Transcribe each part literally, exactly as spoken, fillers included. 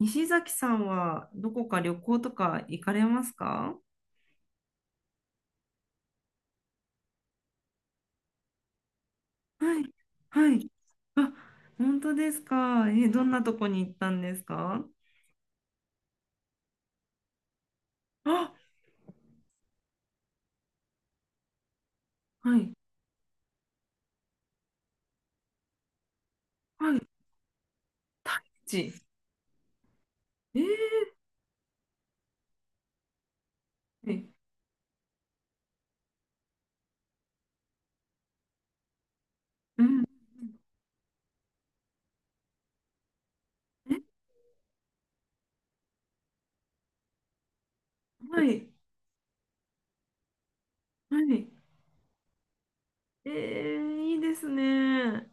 西崎さんはどこか旅行とか行かれますか？はい。はい。あ、本当ですか。え、どんなとこに行ったんですか？あ、はい。はい。ち。えー、えうん。え、はい。はい。えー、いいですね。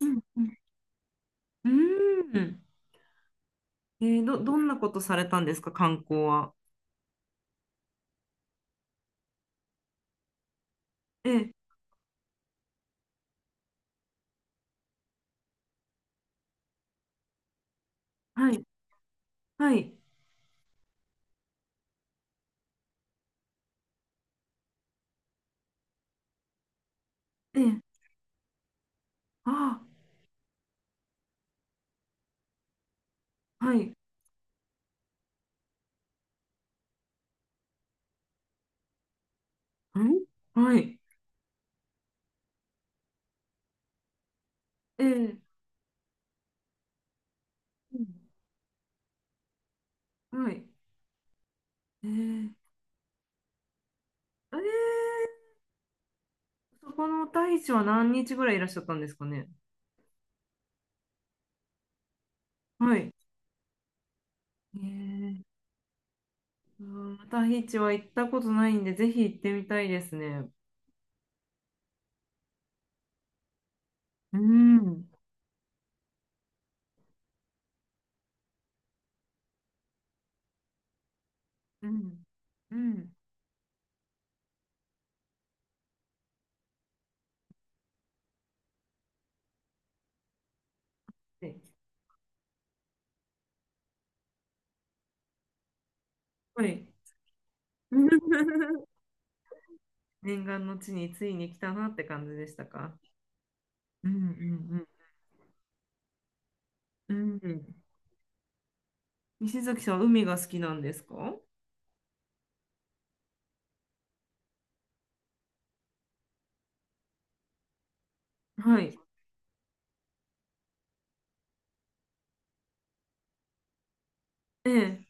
うん。うん。うんえー、ど、どんなことされたんですか、観光は？えー、はい。はい。えー、あー、はい。んはい。えー、うんはい。えーえー、そこのタヒチは何日ぐらいいらっしゃったんですかね？はい。えー、うんタヒチは行ったことないんで、ぜひ行ってみたいですね。うん、うん、うん。で、はい。念願の地についに来たなって感じでしたか？うんうんうんうん。西崎さんは海が好きなんですか？はい。ええ。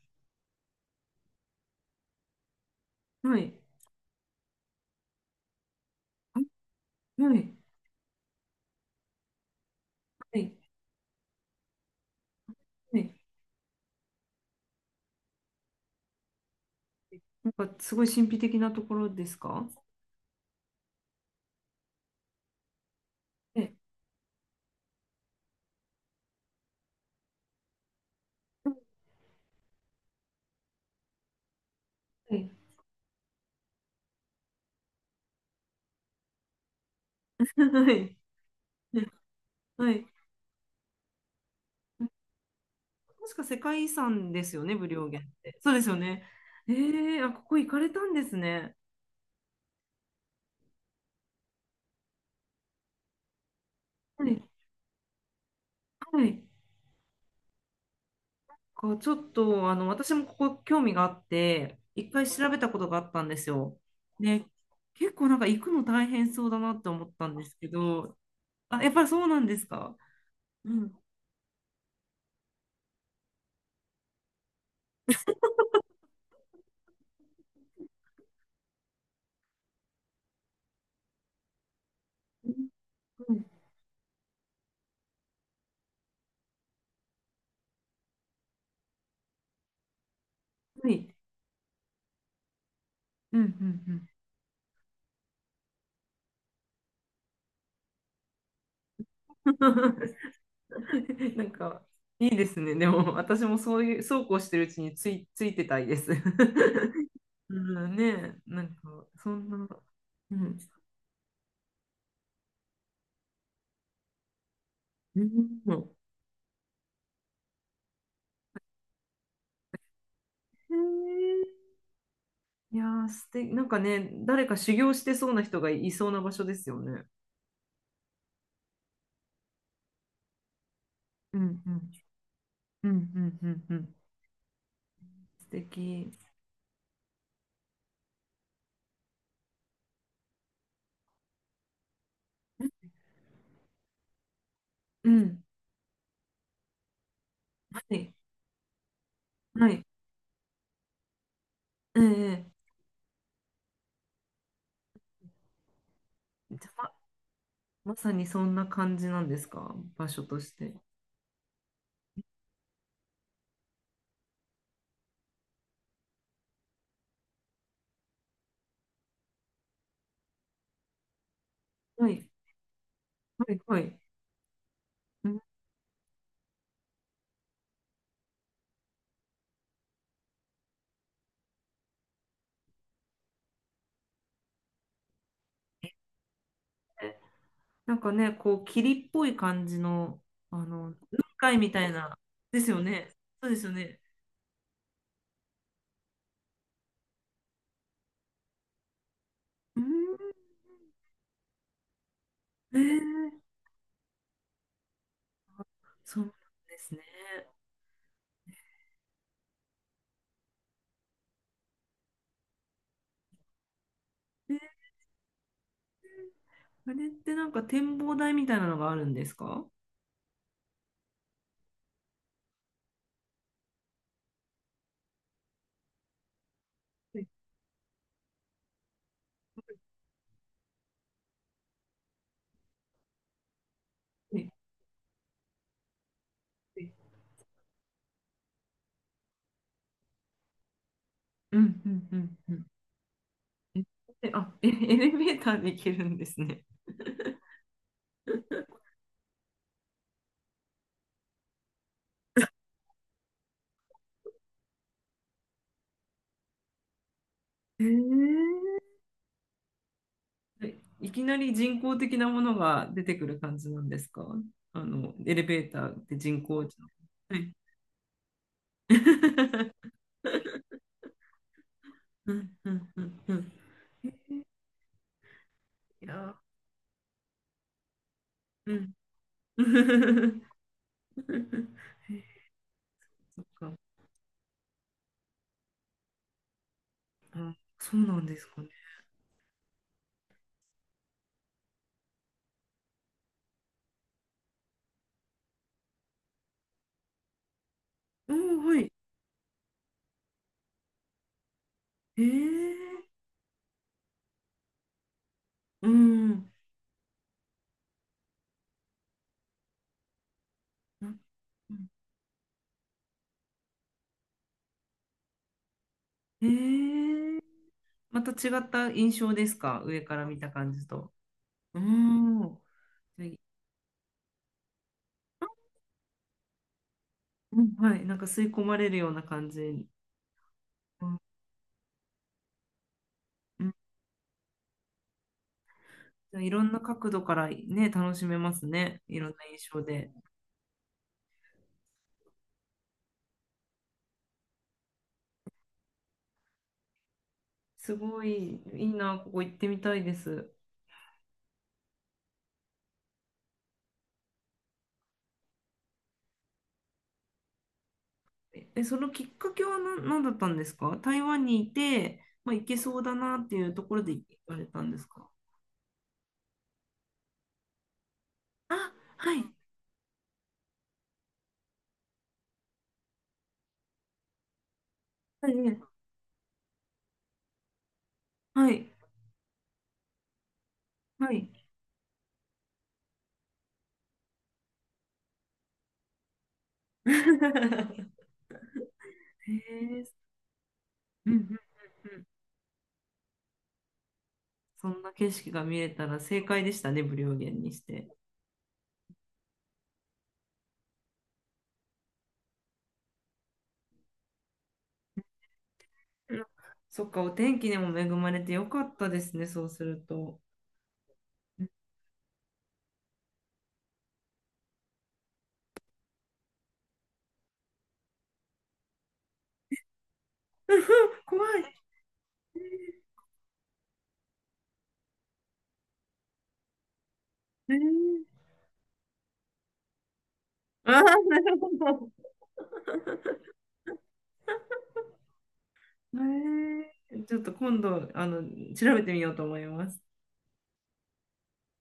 はい。あはい。はい。はい。なんかすごい神秘的なところですか？ええ。はいはい。はい。確か世界遺産ですよね、武陵源って。そうですよね。ええ、あ、ここ行かれたんですね。はい。はい。こうちょっと、あの、私もここ興味があって、いっかい調べたことがあったんですよ。で、結構なんか行くの大変そうだなって思ったんですけど、あ、やっぱりそうなんですか。うん。うん。はい。うん。うん。うん。 なんか、いいですね。でも、私もそういう、そうこうしてるうちについ、ついてたいです。うんね、なんか、そんな、うん。うん。へえ。いやー、素敵、なんかね、誰か修行してそうな人がいそうな場所ですよね。うんうん。うんうんうんうん。素敵。うん。はい。はい。ええ。じゃあ、ま、まさにそんな感じなんですか、場所として？はい。はい。はい。うん。なんかね、こう、霧っぽい感じの、あの、雲海みたいな、ですよね。そうですよね。うーん、えー、そうなんですね。えー、あれってなんか展望台みたいなのがあるんですか？はいはいはい。うんうんうんうん。え、えあ、え、エレベーターで行けるんですね。えー、えいきなり人工的なものが出てくる感じなんですか？あの、エレベーターって人工知能。はい。うんうんうんうん。いやー、うん。そっか。あ、そうなんですかね。うん、はい。えー、うん。なえー、また違った印象ですか、上から見た感じと？うーん。はい。うん、はい。なんか吸い込まれるような感じ。うんうん。じゃあ、いろんな角度からね、楽しめますね。いろんな印象で。すごい、いいな、ここ行ってみたいです。え、そのきっかけは何、何だったんですか？台湾にいて、まあ、行けそうだなっていうところで行かれたんですか？あ、はい。はいはい。はい。へえ。うんうんうんうん。そんな景色が見れたら正解でしたね、無料券にして。うん。そっか、お天気にも恵まれてよかったですね、そうすると。怖い。えー、あー、なるほど。えー、ちょっと今度、あの、調べてみようと思います。